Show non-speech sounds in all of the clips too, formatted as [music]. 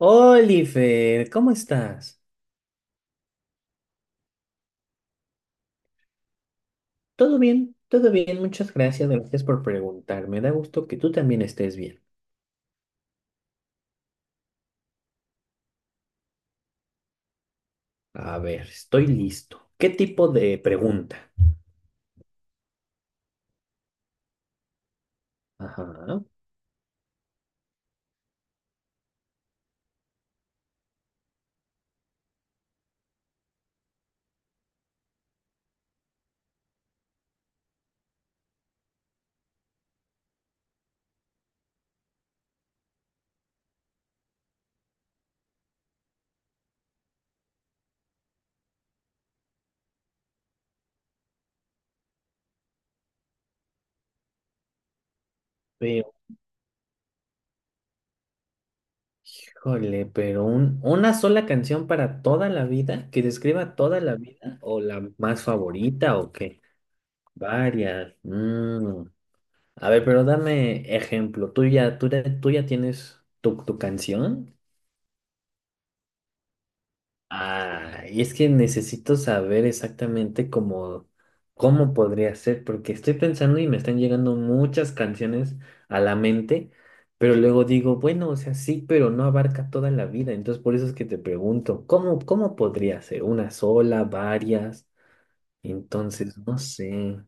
Oliver, ¿cómo estás? ¿Todo bien? Todo bien, muchas gracias, gracias por preguntar. Me da gusto que tú también estés bien. A ver, estoy listo. ¿Qué tipo de pregunta? Ajá. Pero, híjole, pero una sola canción para toda la vida, que describa toda la vida, o la más favorita, ¿o qué? Varias. Mm. A ver, pero dame ejemplo. ¿Tú ya tienes tu canción? Ah, y es que necesito saber exactamente cómo podría ser, porque estoy pensando y me están llegando muchas canciones a la mente, pero luego digo, bueno, o sea, sí, pero no abarca toda la vida. Entonces, por eso es que te pregunto, ¿cómo podría ser? ¿Una sola, varias? Entonces, no sé.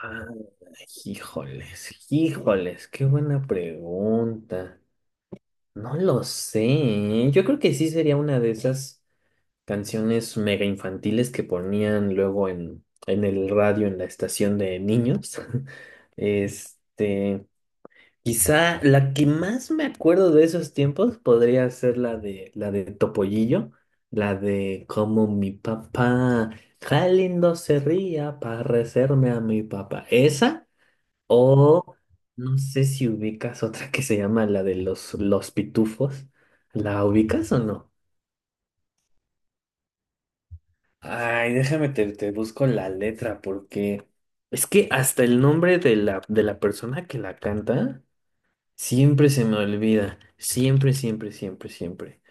Ah, híjoles, híjoles, qué buena pregunta. No lo sé, ¿eh? Yo creo que sí sería una de esas canciones mega infantiles que ponían luego en, el radio, en la estación de niños. [laughs] Este, quizá la que más me acuerdo de esos tiempos podría ser la de Topollillo, la de como mi papá, qué lindo se ría parecerme a mi papá. Esa o no sé si ubicas otra que se llama la de los pitufos. ¿La ubicas o no? Ay, déjame te busco la letra porque es que hasta el nombre de la persona que la canta siempre se me olvida. Siempre, siempre, siempre, siempre.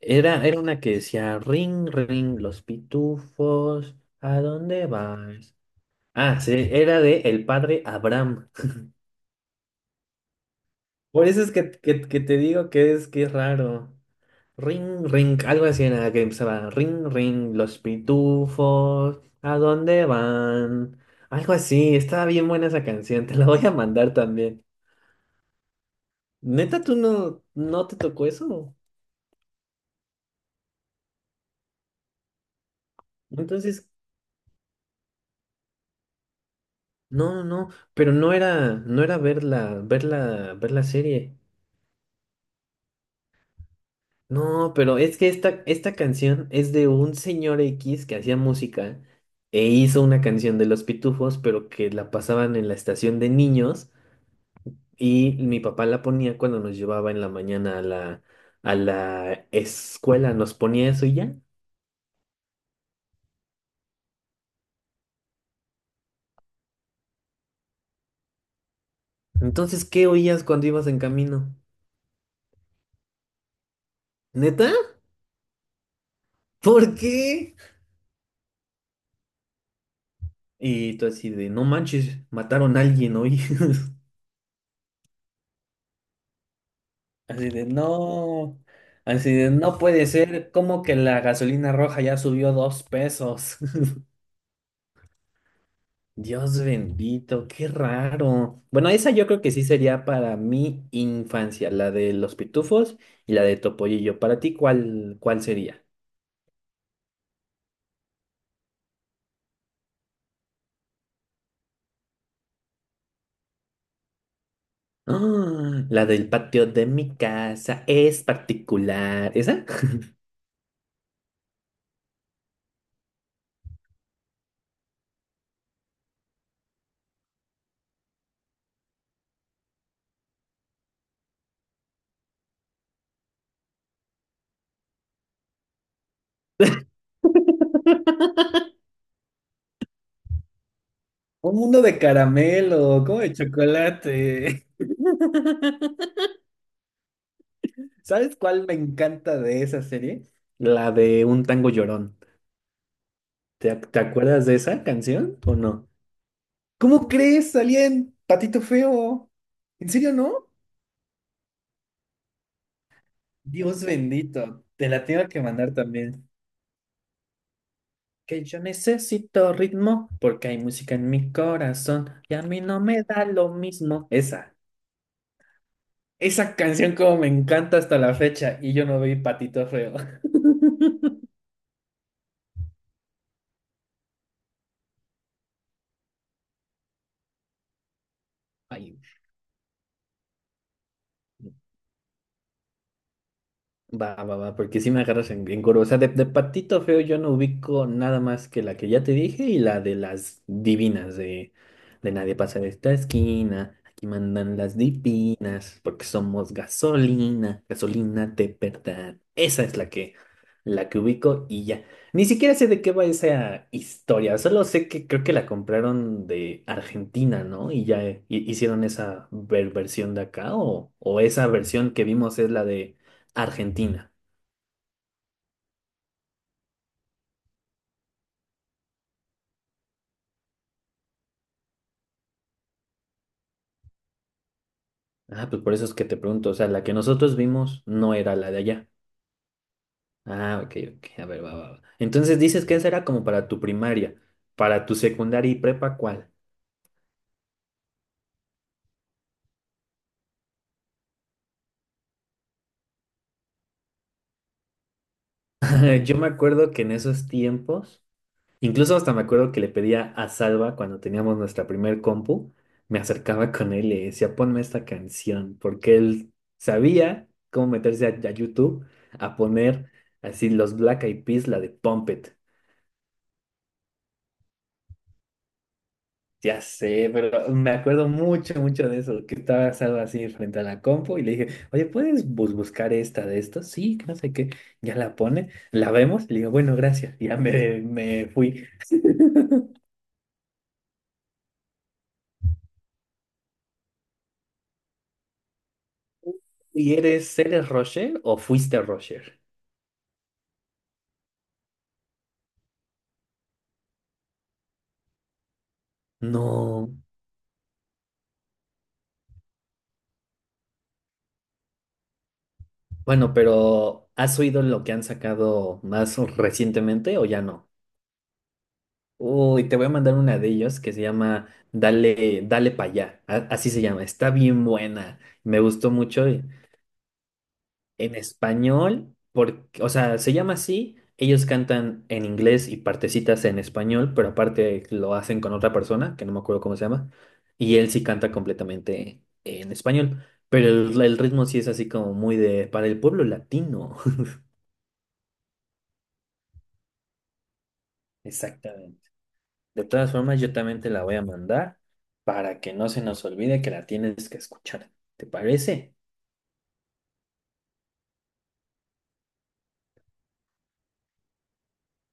Era una que decía ring, ring, los pitufos, ¿a dónde vas? Ah, sí, era de el padre Abraham. Por eso es que te digo que es raro. Ring, ring, algo así en la que empezaba. Ring, ring, los pitufos, ¿a dónde van? Algo así, estaba bien buena esa canción, te la voy a mandar también. Neta, tú no, no te tocó eso. Entonces, no, no, no, pero no era ver la, ver la serie. No, pero es que esta canción es de un señor X que hacía música e hizo una canción de los pitufos, pero que la pasaban en la estación de niños. Y mi papá la ponía cuando nos llevaba en la mañana a la, escuela, nos ponía eso y ya. Entonces, ¿qué oías cuando ibas en camino? ¿Neta? ¿Por qué? Y tú así de, no manches, mataron a alguien hoy. [laughs] Así de, no, así de, no puede ser, ¿cómo que la gasolina roja ya subió 2 pesos? [laughs] Dios bendito, qué raro. Bueno, esa yo creo que sí sería para mi infancia, la de los pitufos y la de Topollillo. Para ti, ¿cuál sería? Ah, la del patio de mi casa es particular. ¿Esa? [laughs] Un mundo de caramelo, como de chocolate. [laughs] ¿Sabes cuál me encanta de esa serie? La de Un Tango Llorón. ¿Te, te acuerdas de esa canción o no? ¿Cómo crees? Salía en Patito Feo. ¿En serio no? Dios bendito, te la tengo que mandar también. Que yo necesito ritmo porque hay música en mi corazón y a mí no me da lo mismo. Esa canción como me encanta hasta la fecha y yo no vi patito feo. [laughs] Ay, va, va, va, porque si me agarras en, curva. O sea, de patito feo yo no ubico nada más que la que ya te dije y la de las divinas de, nadie pasa de esta esquina. Aquí mandan las divinas porque somos gasolina, gasolina de verdad. Esa es la que ubico y ya. Ni siquiera sé de qué va esa historia. Solo sé que creo que la compraron de Argentina, ¿no? Y ya hicieron esa versión de acá o esa versión que vimos es la de Argentina. Ah, pues por eso es que te pregunto, o sea, la que nosotros vimos no era la de allá. Ah, ok, ok, a ver, va, va, va. Entonces dices que esa era como para tu primaria, para tu secundaria y prepa, ¿cuál? [laughs] Yo me acuerdo que en esos tiempos, incluso hasta me acuerdo que le pedía a Salva cuando teníamos nuestra primer compu, me acercaba con él y le decía, ponme esta canción, porque él sabía cómo meterse a YouTube a poner así los Black Eyed Peas, la de Pump It. Ya sé, pero me acuerdo mucho, mucho de eso, que estaba asado así frente a la compu y le dije, oye, ¿puedes buscar esta de estos? Sí, que no sé qué. Ya la pone, la vemos, y le digo, bueno, gracias. Y ya me fui. [laughs] ¿Y eres Roger o fuiste Roger? No. Bueno, pero ¿has oído lo que han sacado más recientemente o ya no? Uy, te voy a mandar una de ellos que se llama Dale, Dale para allá. A- Así se llama. Está bien buena. Me gustó mucho. En español, porque, o sea, se llama así. Ellos cantan en inglés y partecitas en español, pero aparte lo hacen con otra persona, que no me acuerdo cómo se llama, y él sí canta completamente en español, pero el, ritmo sí es así como muy de, para el pueblo latino. [laughs] Exactamente. De todas formas, yo también te la voy a mandar para que no se nos olvide que la tienes que escuchar. ¿Te parece?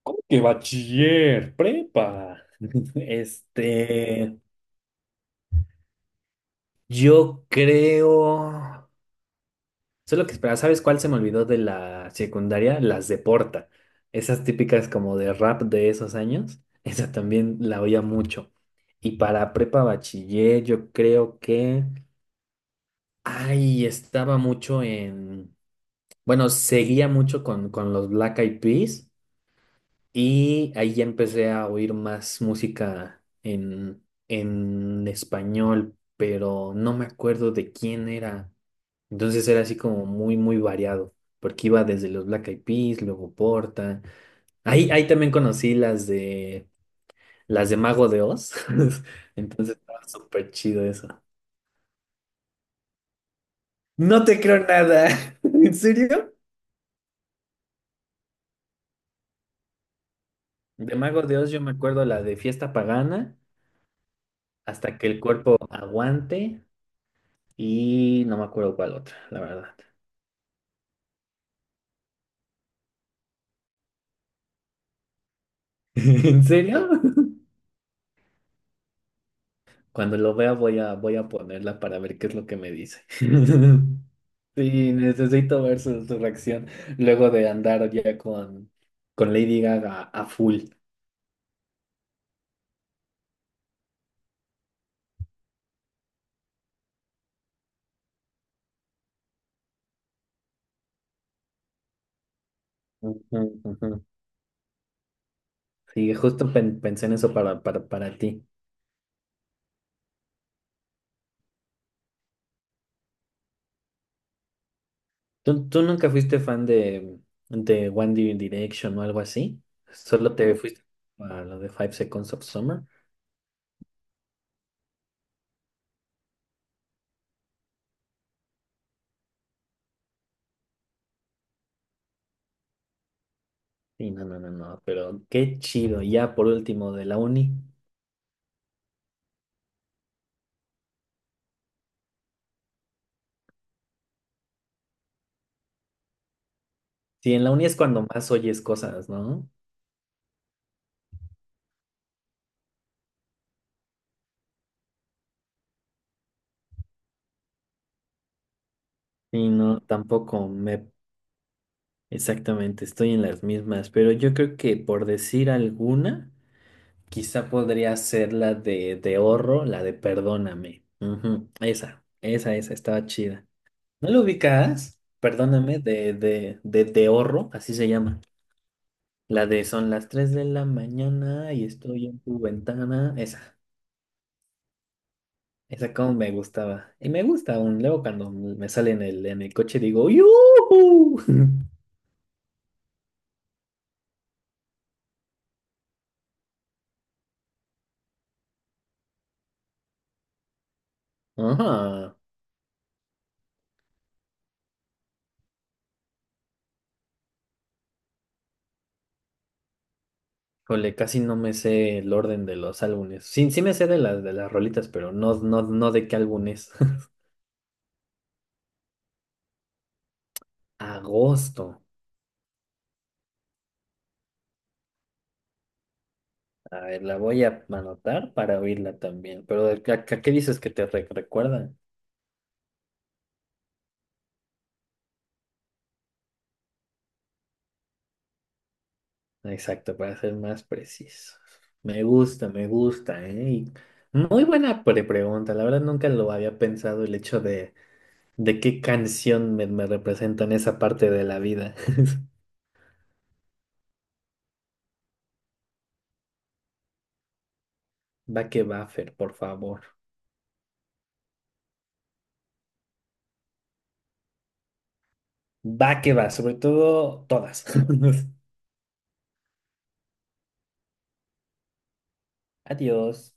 ¿Cómo que bachiller? Prepa. [laughs] Este... Yo creo. Solo que espera, ¿sabes cuál se me olvidó de la secundaria? Las de Porta. Esas típicas como de rap de esos años. [laughs] Esa también la oía mucho. Y para prepa bachiller, yo creo que. Ay, estaba mucho en. Bueno, seguía mucho con, los Black Eyed Peas. Y ahí ya empecé a oír más música en español, pero no me acuerdo de quién era. Entonces era así como muy, muy variado, porque iba desde los Black Eyed Peas, luego Porta. Ahí también conocí las de Mago de Oz. [laughs] Entonces estaba súper chido eso. No te creo nada. [laughs] ¿En serio? De Mago de Oz yo me acuerdo la de Fiesta Pagana, hasta que el cuerpo aguante y no me acuerdo cuál otra, la verdad. [laughs] ¿En serio? Cuando lo vea voy a ponerla para ver qué es lo que me dice. [laughs] Sí, necesito ver su, reacción luego de andar ya con Lady Gaga a full. Ujú, ujú. Sí, justo pensé en eso para, para ti. ¿Tú nunca fuiste fan de One Direction o algo así? ¿Solo te fuiste para lo de Five Seconds of Summer? Sí, no, no, no, no, pero qué chido. Y ya por último, de la uni. Sí, en la uni es cuando más oyes cosas, ¿no? Sí, no, tampoco. Me exactamente, estoy en las mismas, pero yo creo que por decir alguna, quizá podría ser la de, Horro, la de Perdóname. Ujú, esa, estaba chida. ¿No lo ubicas? Perdóname, de, de Horro, así se llama. La de son las 3 de la mañana y estoy en tu ventana. Esa como me gustaba. Y me gusta aún, luego cuando me sale en el, coche digo, ¡Yuhu! [laughs] Ajá. Híjole, casi no me sé el orden de los álbumes. Sí, sí me sé de las rolitas, pero no, no, no de qué álbum es. [laughs] Agosto. A ver, la voy a anotar para oírla también. Pero ¿a, a qué dices que te recuerda? Exacto, para ser más preciso. Me gusta, ¿eh? Y muy buena pregunta. La verdad nunca lo había pensado el hecho de, qué canción me representa en esa parte de la vida. [laughs] Va que va, Fer, por favor. Va que va, sobre todo todas. [laughs] Adiós.